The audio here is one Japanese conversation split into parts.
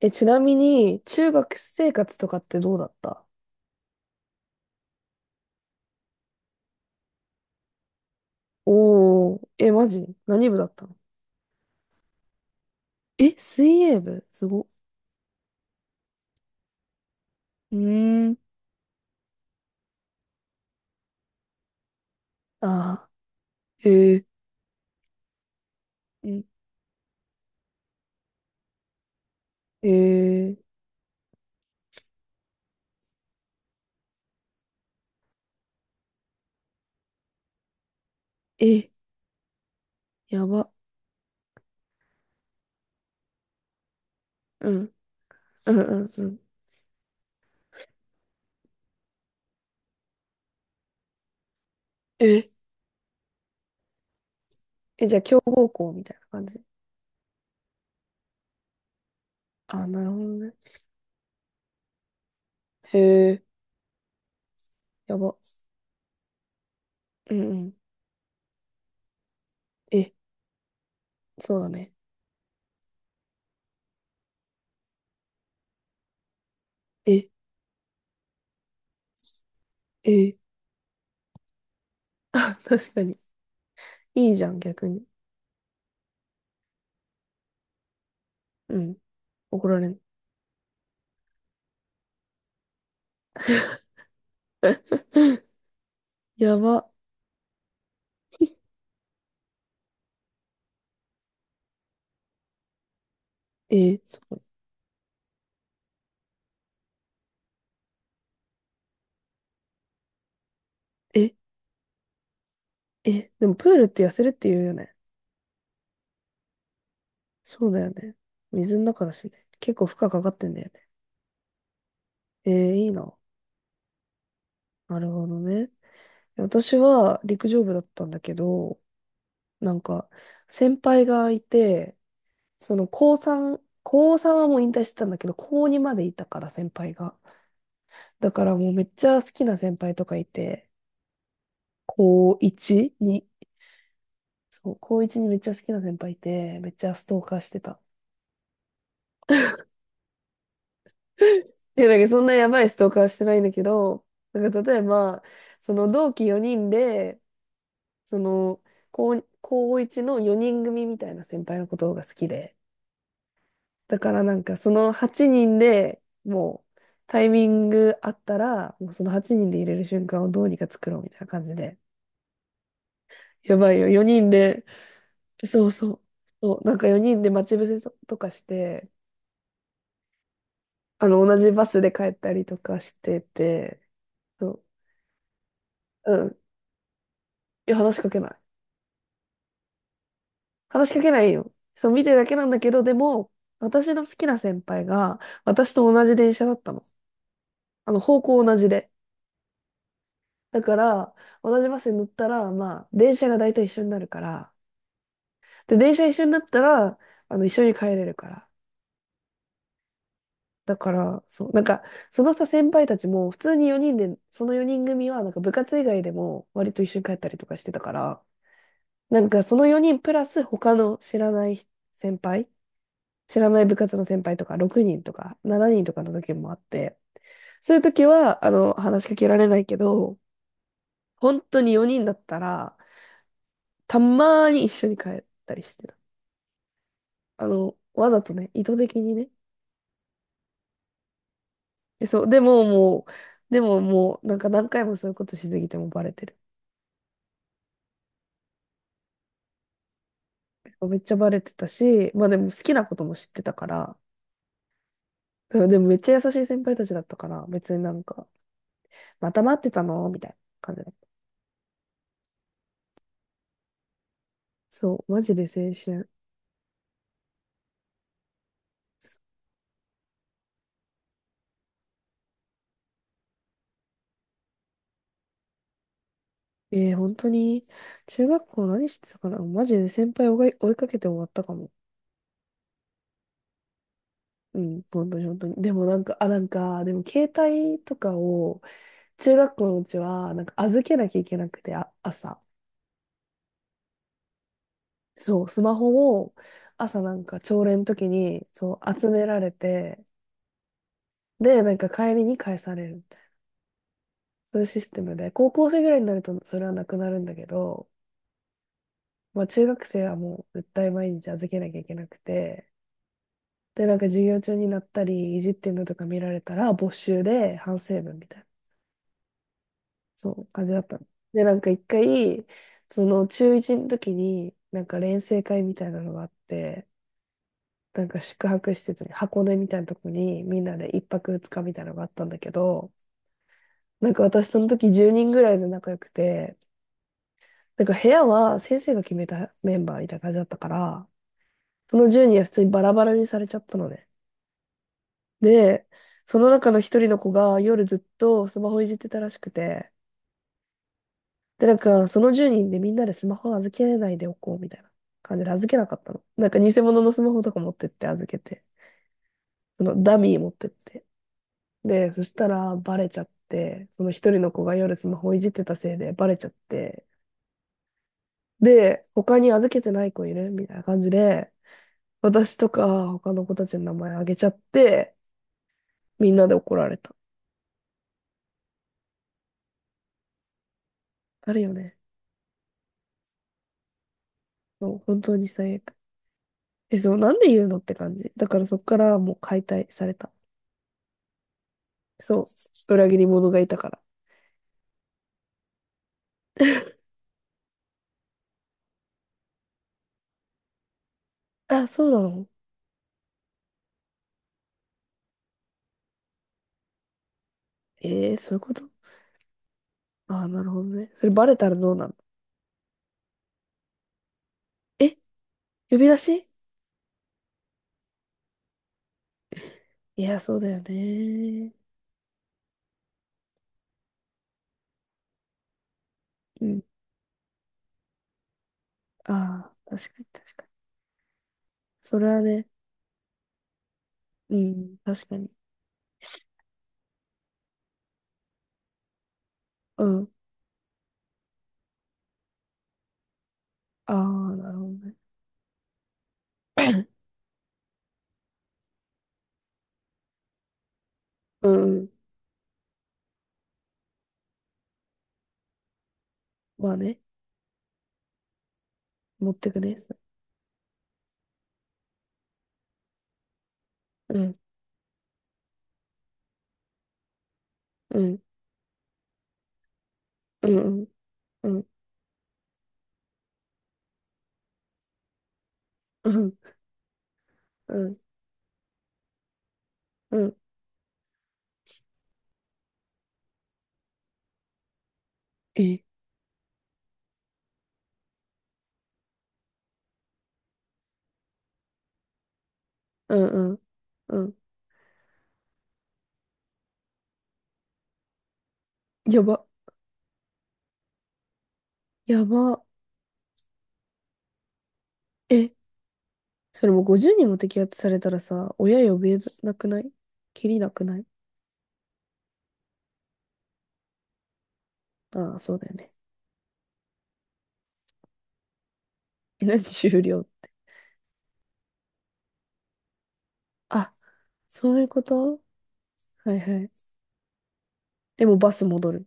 ちなみに、中学生活とかってどうだった？おー、マジ何部だったの？水泳部すごっ。うーん。ああ、えー、うん。えー、え、やば。うん、うん、うん、うん。え、え、じゃあ、強豪校みたいな感じ？あー、なるほどね。へえ、やば。うん、うん。え、そうだね。え、え、あ、確かに。いいじゃん、逆に。うん、怒られん。やば。え、そう。ええ、でもプールって痩せるって言うよね。そうだよね。水の中だしね。結構負荷かかってんだよね。えー、いいな。なるほどね。私は陸上部だったんだけど、なんか、先輩がいて、その高3、高3はもう引退してたんだけど、高2までいたから先輩が。だからもうめっちゃ好きな先輩とかいて、高1に、そう、高1にめっちゃ好きな先輩いて、めっちゃストーカーしてた。いや、なんかそんなやばいストーカーはしてないんだけど、なんか例えば、その同期4人で、その、高1の4人組みたいな先輩のことが好きで、だからなんかその8人でもうタイミングあったら、もうその8人で入れる瞬間をどうにか作ろうみたいな感じで、やばいよ、4人で、そうそう、そう、なんか4人で待ち伏せとかして、あの、同じバスで帰ったりとかしてて、そう、うん、い話しかけない。話しかけないよ。そう、見てるだけなんだけど、でも、私の好きな先輩が、私と同じ電車だったの。あの、方向同じで。だから、同じバスに乗ったら、まあ、電車が大体一緒になるから。で、電車一緒になったら、あの、一緒に帰れるから。だから、そう、なんか、そのさ、先輩たちも、普通に4人で、その4人組は、なんか部活以外でも、割と一緒に帰ったりとかしてたから、なんか、その4人プラス他の知らない先輩、知らない部活の先輩とか6人とか7人とかの時もあって、そういう時は、あの、話しかけられないけど、本当に4人だったら、たまーに一緒に帰ったりしてた。あの、わざとね、意図的にね。えそう、でももう、なんか何回もそういうことしすぎてもバレてる。めっちゃバレてたし、まあでも好きなことも知ってたから、うん。でもめっちゃ優しい先輩たちだったから、別になんか、また待ってたのみたいな感じだった。そう、マジで青春。えー、本当に、中学校何してたかな、マジで先輩を追いかけて終わったかも。うん、本当に本当に。でもなんか、あ、なんか、でも携帯とかを、中学校のうちは、なんか預けなきゃいけなくて、あ、朝。そう、スマホを、朝なんか朝礼の時に、そう、集められて、で、なんか帰りに返されるみたいな。そういうシステムで、高校生ぐらいになるとそれはなくなるんだけど、まあ中学生はもう絶対毎日預けなきゃいけなくて、で、なんか授業中になったり、いじってるのとか見られたら、没収で反省文みたいな、そう、感じだったの。で、なんか一回、その中1の時に、なんか錬成会みたいなのがあって、なんか宿泊施設に、箱根みたいなとこに、みんなで一泊二日みたいなのがあったんだけど、なんか私その時10人ぐらいで仲良くて、なんか部屋は先生が決めたメンバーみたいな感じだったから、その10人は普通にバラバラにされちゃったのね。で、その中の一人の子が夜ずっとスマホいじってたらしくて、で、なんかその10人でみんなでスマホ預けないでおこうみたいな感じで預けなかったの。なんか偽物のスマホとか持ってって預けて、そのダミー持ってって。で、そしたらバレちゃって、その一人の子が夜スマホいじってたせいでバレちゃって、で、他に預けてない子いるみたいな感じで、私とか他の子たちの名前あげちゃって、みんなで怒られた。あるよね。そう、本当に最悪。え、そう、なんで言うのって感じ。だからそっからもう解体された。そう、裏切り者がいたから。あ、そうなの？えー、そういうこと。あー、なるほどね。それバレたらどうなの？え、呼び出し？いや、そうだよね。うん。ああ、確かに確かに。それはね、うん、確かに。うん。ああ、なるほどね。うんうん。まあね、持ってくね。そう、ん、うん、うん、うん、うん、うん、うん、うん。え、うん、うん、うん。やば、やば。え、それもう50人も摘発されたらさ、親呼べなくない？きりなくない？ああ、そうだよね。え、何終了？あ、そういうこと。はいはい。でもバス戻る。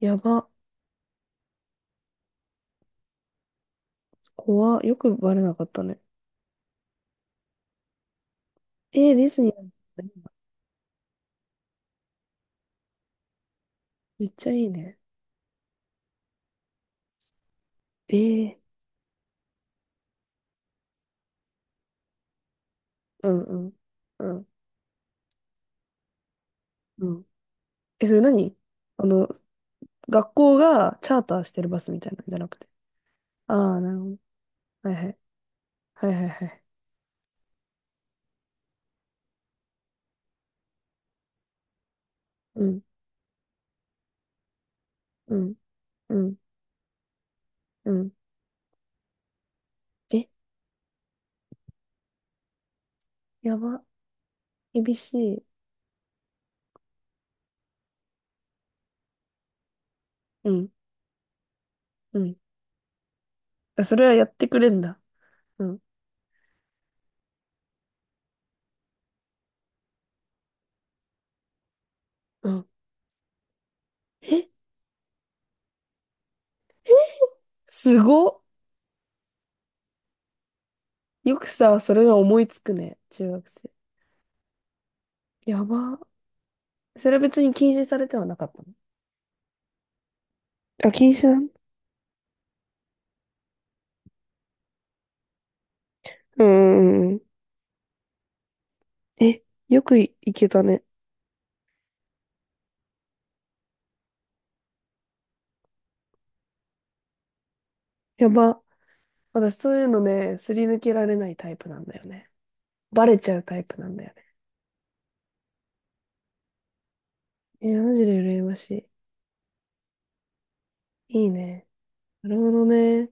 やば。怖。よくバレなかったね。えー、ディズニーなんだね。めっちゃいいね。えー、うんうん。うんうん。え、それ何？あの、学校がチャーターしてるバスみたいなんじゃなくて。ああ、なるほど。はいはい。はいはいはい。うん、うん、うん、うん。え、やば。厳しい。うん、うん。あ、それはやってくれんだ。うん、うん。え、すごっ。よくさ、それが思いつくね、中学生。やば。それは別に禁止されてはなかったの？あ、禁止なん？うんうんうん。え、よくい、いけたね。やば。私そういうのね、すり抜けられないタイプなんだよね。バレちゃうタイプなんだよね。え、マジで羨ましい。いいね。なるほどね。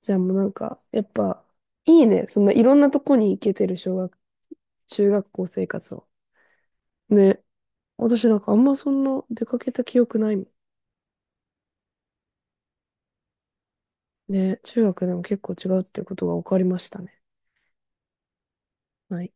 じゃあもうなんか、やっぱ、いいね。そんないろんなとこに行けてる中学校生活を。ね。私なんかあんまそんな出かけた記憶ないもん。ね。中学でも結構違うってことが分かりましたね。はい。